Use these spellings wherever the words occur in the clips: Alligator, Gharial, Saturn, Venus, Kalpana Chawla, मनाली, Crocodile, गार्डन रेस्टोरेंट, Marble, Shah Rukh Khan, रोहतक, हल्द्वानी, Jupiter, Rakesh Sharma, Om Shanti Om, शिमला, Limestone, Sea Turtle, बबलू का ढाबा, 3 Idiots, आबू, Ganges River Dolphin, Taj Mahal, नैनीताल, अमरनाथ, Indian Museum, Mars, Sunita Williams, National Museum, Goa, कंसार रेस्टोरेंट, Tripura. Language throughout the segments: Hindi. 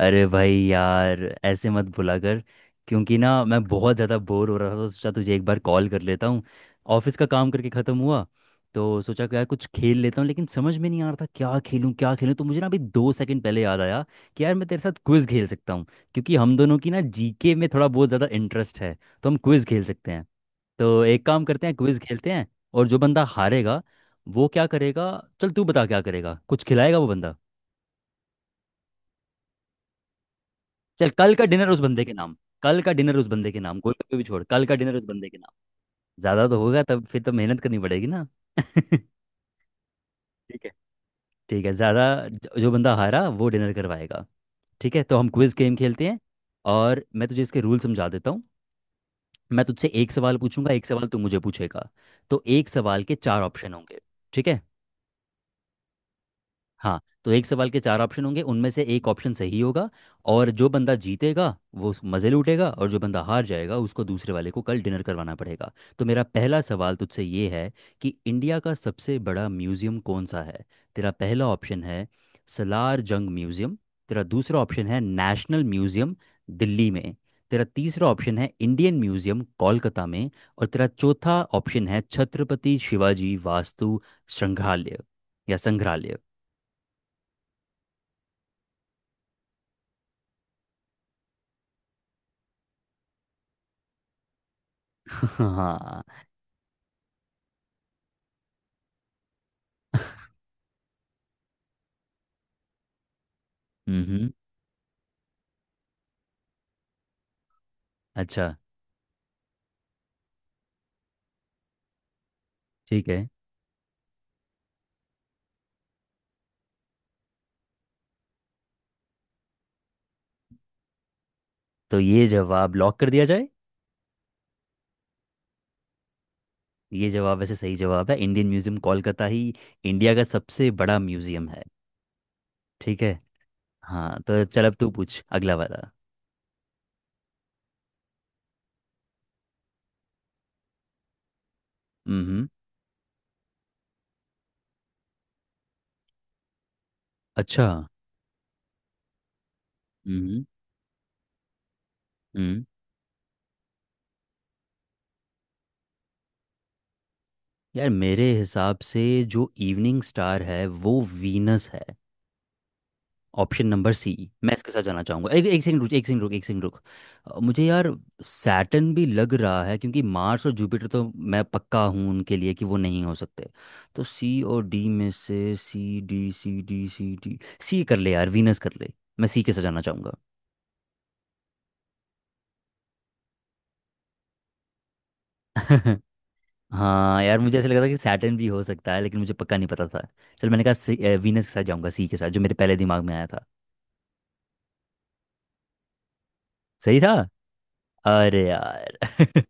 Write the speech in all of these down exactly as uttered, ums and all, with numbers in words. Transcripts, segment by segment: अरे भाई यार, ऐसे मत भुला कर। क्योंकि ना मैं बहुत ज़्यादा बोर हो रहा था तो सोचा तुझे एक बार कॉल कर लेता हूँ। ऑफिस का काम करके ख़त्म हुआ तो सोचा कि यार कुछ खेल लेता हूँ, लेकिन समझ में नहीं आ रहा था क्या खेलूँ क्या खेलूँ। तो मुझे ना अभी दो सेकंड पहले याद आया कि यार मैं तेरे साथ क्विज़ खेल सकता हूँ, क्योंकि हम दोनों की ना जीके में थोड़ा बहुत ज़्यादा इंटरेस्ट है। तो हम क्विज़ खेल सकते हैं। तो एक काम करते हैं, क्विज़ खेलते हैं। और जो बंदा हारेगा वो क्या करेगा? चल तू बता, क्या करेगा, कुछ खिलाएगा वो बंदा? चल, कल का डिनर उस बंदे के नाम। कल का डिनर उस बंदे के नाम, कोई कोई भी छोड़, कल का डिनर उस बंदे के नाम। ज्यादा तो होगा, तब फिर तो मेहनत करनी पड़ेगी ना। ठीक है। ठीक है, ज्यादा ज- जो बंदा हारा वो डिनर करवाएगा। ठीक है, तो हम क्विज गेम खेलते हैं। और मैं तुझे इसके रूल समझा देता हूँ। मैं तुझसे एक सवाल पूछूंगा, एक सवाल तू मुझे पूछेगा। तो एक सवाल के चार ऑप्शन होंगे। ठीक है। हाँ, तो एक सवाल के चार ऑप्शन होंगे, उनमें से एक ऑप्शन सही होगा। और जो बंदा जीतेगा वो उस- मज़े लूटेगा, और जो बंदा हार जाएगा उसको दूसरे वाले को कल डिनर करवाना पड़ेगा। तो मेरा पहला सवाल तुझसे ये है कि इंडिया का सबसे बड़ा म्यूज़ियम कौन सा है। तेरा पहला ऑप्शन है सलार जंग म्यूज़ियम। तेरा दूसरा ऑप्शन है नेशनल म्यूज़ियम दिल्ली में। तेरा तीसरा ऑप्शन है इंडियन म्यूज़ियम कोलकाता में। और तेरा चौथा ऑप्शन है छत्रपति शिवाजी वास्तु संग्रहालय या संग्रहालय। हाँ। हम्म। अच्छा। ठीक है, तो ये जवाब लॉक कर दिया जाए। ये जवाब वैसे सही जवाब है। इंडियन म्यूजियम कोलकाता ही इंडिया का सबसे बड़ा म्यूजियम है। ठीक है। हाँ, तो चल अब तू पूछ अगला वाला। हम्म। अच्छा। हम्म। हम्म। यार मेरे हिसाब से जो इवनिंग स्टार है वो वीनस है, ऑप्शन नंबर सी। मैं इसके साथ जाना चाहूंगा। एक एक सेकंड रुक, एक सेकंड रुक, एक सेकंड रुक। अ, मुझे यार सैटर्न भी लग रहा है, क्योंकि मार्स और जुपिटर तो मैं पक्का हूँ उनके लिए कि वो नहीं हो सकते। तो सी और डी में से C D C D C D C कर ले यार, वीनस कर ले। मैं सी के साथ जाना चाहूंगा। हाँ यार मुझे ऐसा लग रहा था कि सैटर्न भी हो सकता है, लेकिन मुझे पक्का नहीं पता था। चल, मैंने कहा वीनस के साथ जाऊंगा, सी के साथ, जो मेरे पहले दिमाग में आया था। सही था। अरे यार।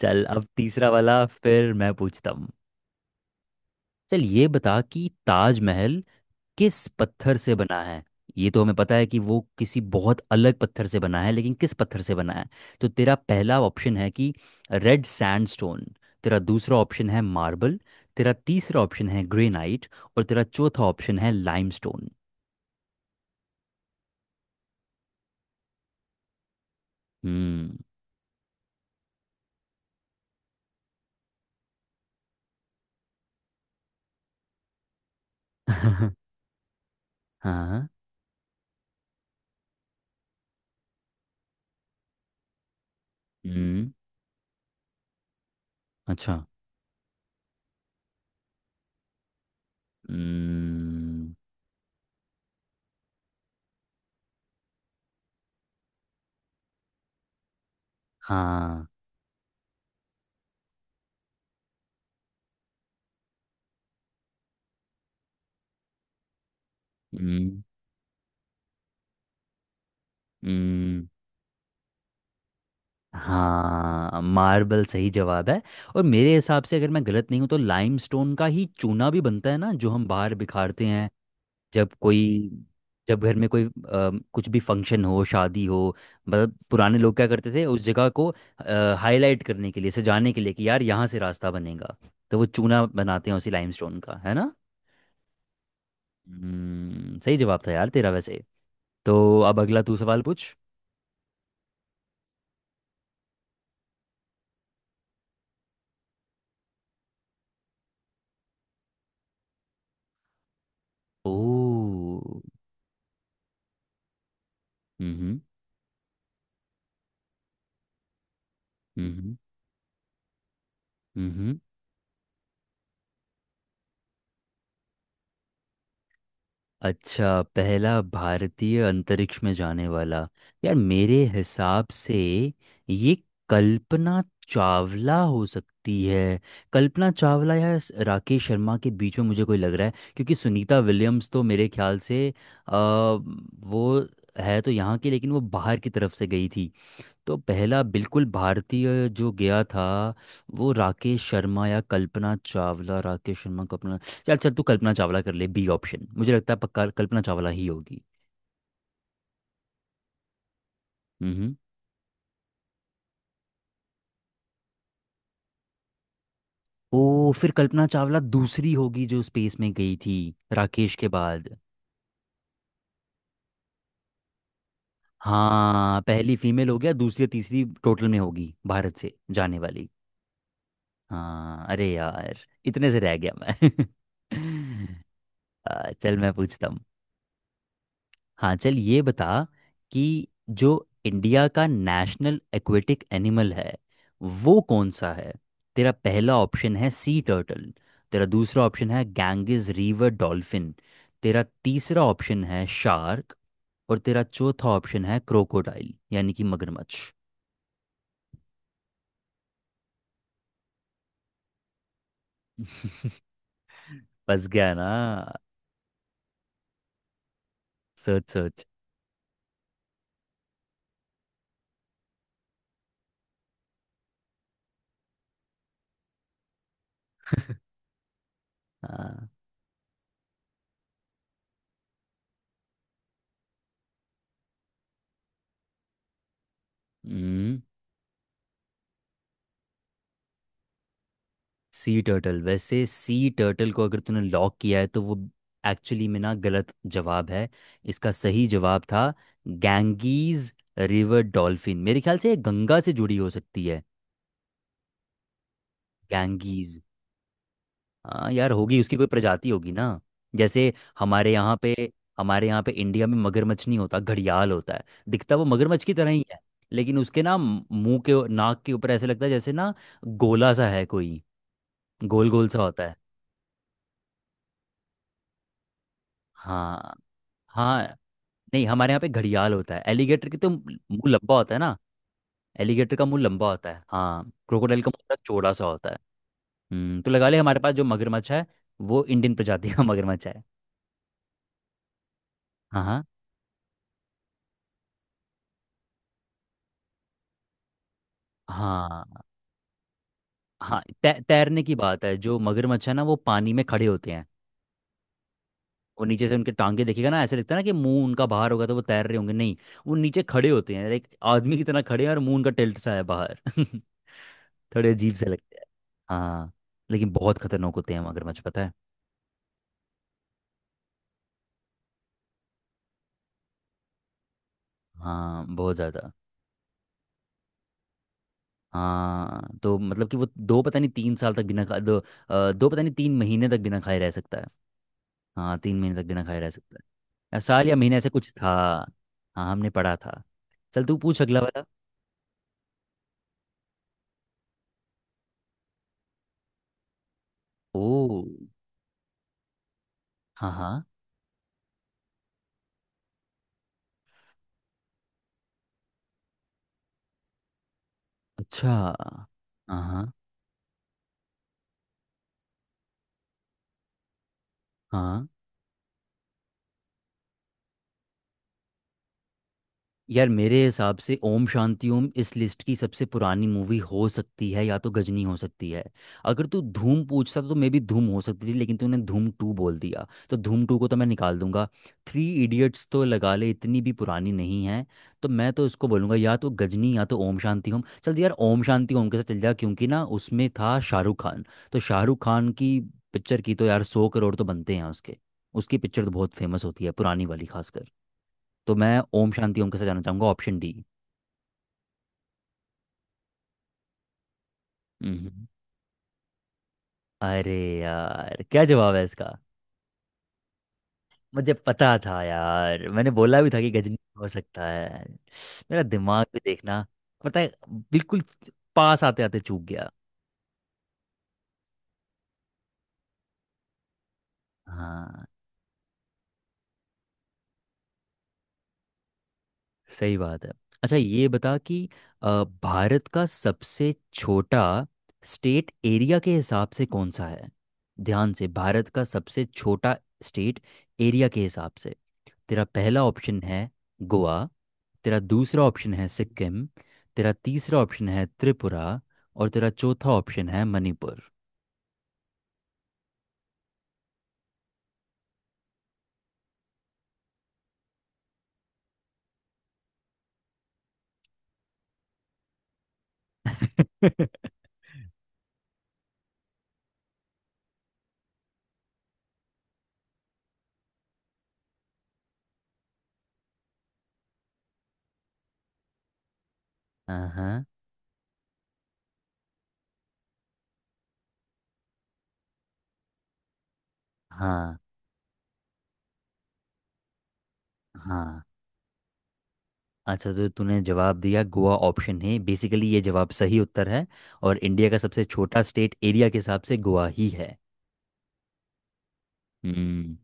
चल अब तीसरा वाला फिर मैं पूछता हूँ। चल, ये बता कि ताजमहल किस पत्थर से बना है। ये तो हमें पता है कि वो किसी बहुत अलग पत्थर से बना है, लेकिन किस पत्थर से बना है। तो तेरा पहला ऑप्शन है कि रेड सैंडस्टोन। तेरा दूसरा ऑप्शन है मार्बल। तेरा तीसरा ऑप्शन है ग्रेनाइट। और तेरा चौथा ऑप्शन है लाइमस्टोन। हम्म। हाँ। हम्म। अच्छा। हम्म। हाँ। हम्म। हम्म। हाँ, मार्बल सही जवाब है। और मेरे हिसाब से अगर मैं गलत नहीं हूँ तो लाइमस्टोन का ही चूना भी बनता है ना जो हम बाहर बिखारते हैं। जब कोई, जब घर में कोई अ, कुछ भी फंक्शन हो, शादी हो, मतलब पुराने लोग क्या करते थे उस जगह को हाईलाइट करने के लिए, सजाने के लिए कि यार यहाँ से रास्ता बनेगा, तो वो चूना बनाते हैं उसी लाइमस्टोन का, है ना। हम्म, सही जवाब था यार तेरा वैसे। तो अब अगला तू सवाल पूछ। ओ। हम्म। हम्म। हम्म। हम्म। हम्म। अच्छा, पहला भारतीय अंतरिक्ष में जाने वाला, यार मेरे हिसाब से ये कल्पना चावला हो सकती है। कल्पना चावला या स- राकेश शर्मा के बीच में मुझे कोई लग रहा है, क्योंकि सुनीता विलियम्स तो मेरे ख्याल से अ, वो है तो यहाँ की, लेकिन वो बाहर की तरफ से गई थी। तो पहला बिल्कुल भारतीय जो गया था वो राकेश शर्मा या कल्पना चावला, राकेश शर्मा, कल्पना। चल चल, तू कल्पना चावला कर ले, बी ऑप्शन, मुझे लगता है पक्का कल्पना चावला ही होगी। हम्म। ओ, फिर कल्पना चावला दूसरी होगी जो स्पेस में गई थी, राकेश के बाद। हाँ, पहली फीमेल हो गया, दूसरी तीसरी टोटल में होगी भारत से जाने वाली। हाँ, अरे यार इतने से रह गया मैं। आ, चल मैं पूछता। हाँ चल, ये बता कि जो इंडिया का नेशनल एक्वेटिक एनिमल है वो कौन सा है। तेरा पहला ऑप्शन है सी टर्टल। तेरा दूसरा ऑप्शन है गैंगिस रिवर डॉल्फिन। तेरा तीसरा ऑप्शन है शार्क। और तेरा चौथा ऑप्शन है क्रोकोडाइल, यानी कि मगरमच्छ। फंस गया ना? सोच सोच। हाँ। हम्म। सी टर्टल, वैसे सी टर्टल को अगर तूने लॉक किया है तो वो एक्चुअली में ना गलत जवाब है। इसका सही जवाब था गैंगीज रिवर डॉल्फिन। मेरे ख्याल से ये गंगा से जुड़ी हो सकती है, गैंगीज। हाँ यार होगी, उसकी कोई प्रजाति होगी ना। जैसे हमारे यहाँ पे, हमारे यहाँ पे इंडिया में मगरमच्छ नहीं होता, घड़ियाल होता है। दिखता वो मगरमच्छ की तरह ही है, लेकिन उसके ना मुंह के नाक के ऊपर ऐसे लगता है जैसे ना गोला सा है कोई, गोल गोल सा होता है। हाँ हाँ। नहीं, हमारे यहाँ पे घड़ियाल होता है, एलिगेटर की तो मुंह लंबा होता है ना। एलिगेटर का मुंह लंबा होता है, हाँ, क्रोकोडाइल का मुंह थोड़ा चौड़ा सा होता है। हम्म, तो लगा ले हमारे पास जो मगरमच्छ है वो इंडियन प्रजाति का मगरमच्छ है। हाँ हाँ। हाँ हाँ तै, तैरने की बात है, जो मगरमच्छ है ना वो पानी में खड़े होते हैं। वो नीचे से उनके टांगे देखेगा ना, ऐसे लगता है ना कि मुंह उनका बाहर होगा तो वो तैर रहे होंगे, नहीं, वो नीचे खड़े होते हैं, एक आदमी की तरह खड़े हैं, और मुंह उनका टिल्ट सा है बाहर। थोड़े अजीब से लगते हैं। हाँ, लेकिन बहुत खतरनाक होते हैं मगरमच्छ, पता है। हाँ, बहुत ज़्यादा। हाँ तो मतलब कि वो दो पता नहीं तीन साल तक बिना खा दो अ, दो पता नहीं तीन महीने तक बिना खाए रह सकता है। हाँ, तीन महीने तक बिना खाए रह सकता है, या साल या महीने, ऐसे कुछ था। हाँ, हमने पढ़ा था। चल तू पूछ अगला वाला। ओ। हाँ हाँ। अच्छा। हाँ हाँ हाँ। यार मेरे हिसाब से ओम शांति ओम इस लिस्ट की सबसे पुरानी मूवी हो सकती है, या तो गजनी हो सकती है। अगर तू धूम पूछता तो मे भी धूम हो सकती थी, लेकिन तूने धूम टू बोल दिया तो धूम टू को तो मैं निकाल दूंगा। थ्री इडियट्स तो लगा ले इतनी भी पुरानी नहीं है। तो मैं तो इसको बोलूंगा या तो गजनी या तो ओम शांति ओम। चल यार, ओम शांति ओम के साथ चल जा, क्योंकि ना उसमें था शाहरुख खान, तो शाहरुख खान की पिक्चर की तो यार सौ करोड़ तो बनते हैं उसके। उसकी पिक्चर तो बहुत फेमस होती है, पुरानी वाली खासकर। तो मैं ओम शांति ओम के साथ जाना चाहूंगा, ऑप्शन डी। हम्म। अरे यार, क्या जवाब है इसका? मुझे पता था यार, मैंने बोला भी था कि गजनी हो सकता है। मेरा दिमाग भी देखना। पता है। बिल्कुल। पास आते आते चूक गया। हाँ, सही बात है। अच्छा, ये बता कि अ, भारत का सबसे छोटा स्टेट एरिया के हिसाब से कौन सा है। ध्यान से, भारत का सबसे छोटा स्टेट एरिया के हिसाब से। तेरा पहला ऑप्शन है गोवा। तेरा दूसरा ऑप्शन है सिक्किम। तेरा तीसरा ऑप्शन है त्रिपुरा। और तेरा चौथा ऑप्शन है मणिपुर। हाँ हाँ हाँ। अच्छा, तो तूने जवाब दिया गोवा ऑप्शन है, बेसिकली ये जवाब सही उत्तर है। और इंडिया का सबसे छोटा स्टेट एरिया के हिसाब से गोवा ही है। हम्म।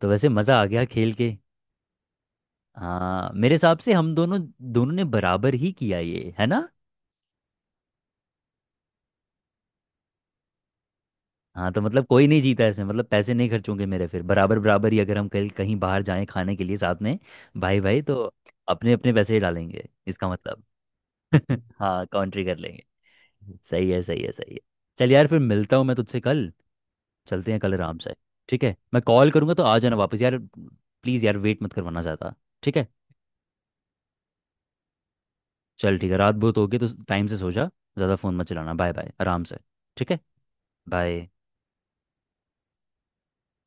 तो वैसे मज़ा आ गया खेल के। हाँ मेरे हिसाब से हम दोनों, दोनों ने बराबर ही किया, ये है ना। हाँ, तो मतलब कोई नहीं जीता इसमें, मतलब पैसे नहीं खर्च होंगे मेरे, फिर बराबर बराबर ही, अगर हम कहीं कहीं बाहर जाएं खाने के लिए साथ में, भाई भाई तो अपने अपने पैसे ही डालेंगे इसका मतलब। हाँ, काउंट्री कर लेंगे। सही है, सही है, सही है। चल यार, फिर मिलता हूँ मैं तुझसे कल। चलते हैं कल आराम से। ठीक है, मैं कॉल करूँगा तो आ जाना वापस यार, प्लीज़ यार वेट मत करवाना ज़्यादा। ठीक है। चल, ठीक है, रात बहुत होगी तो टाइम से सो जा। ज़्यादा फ़ोन मत चलाना, बाय बाय आराम से। ठीक है। बाय।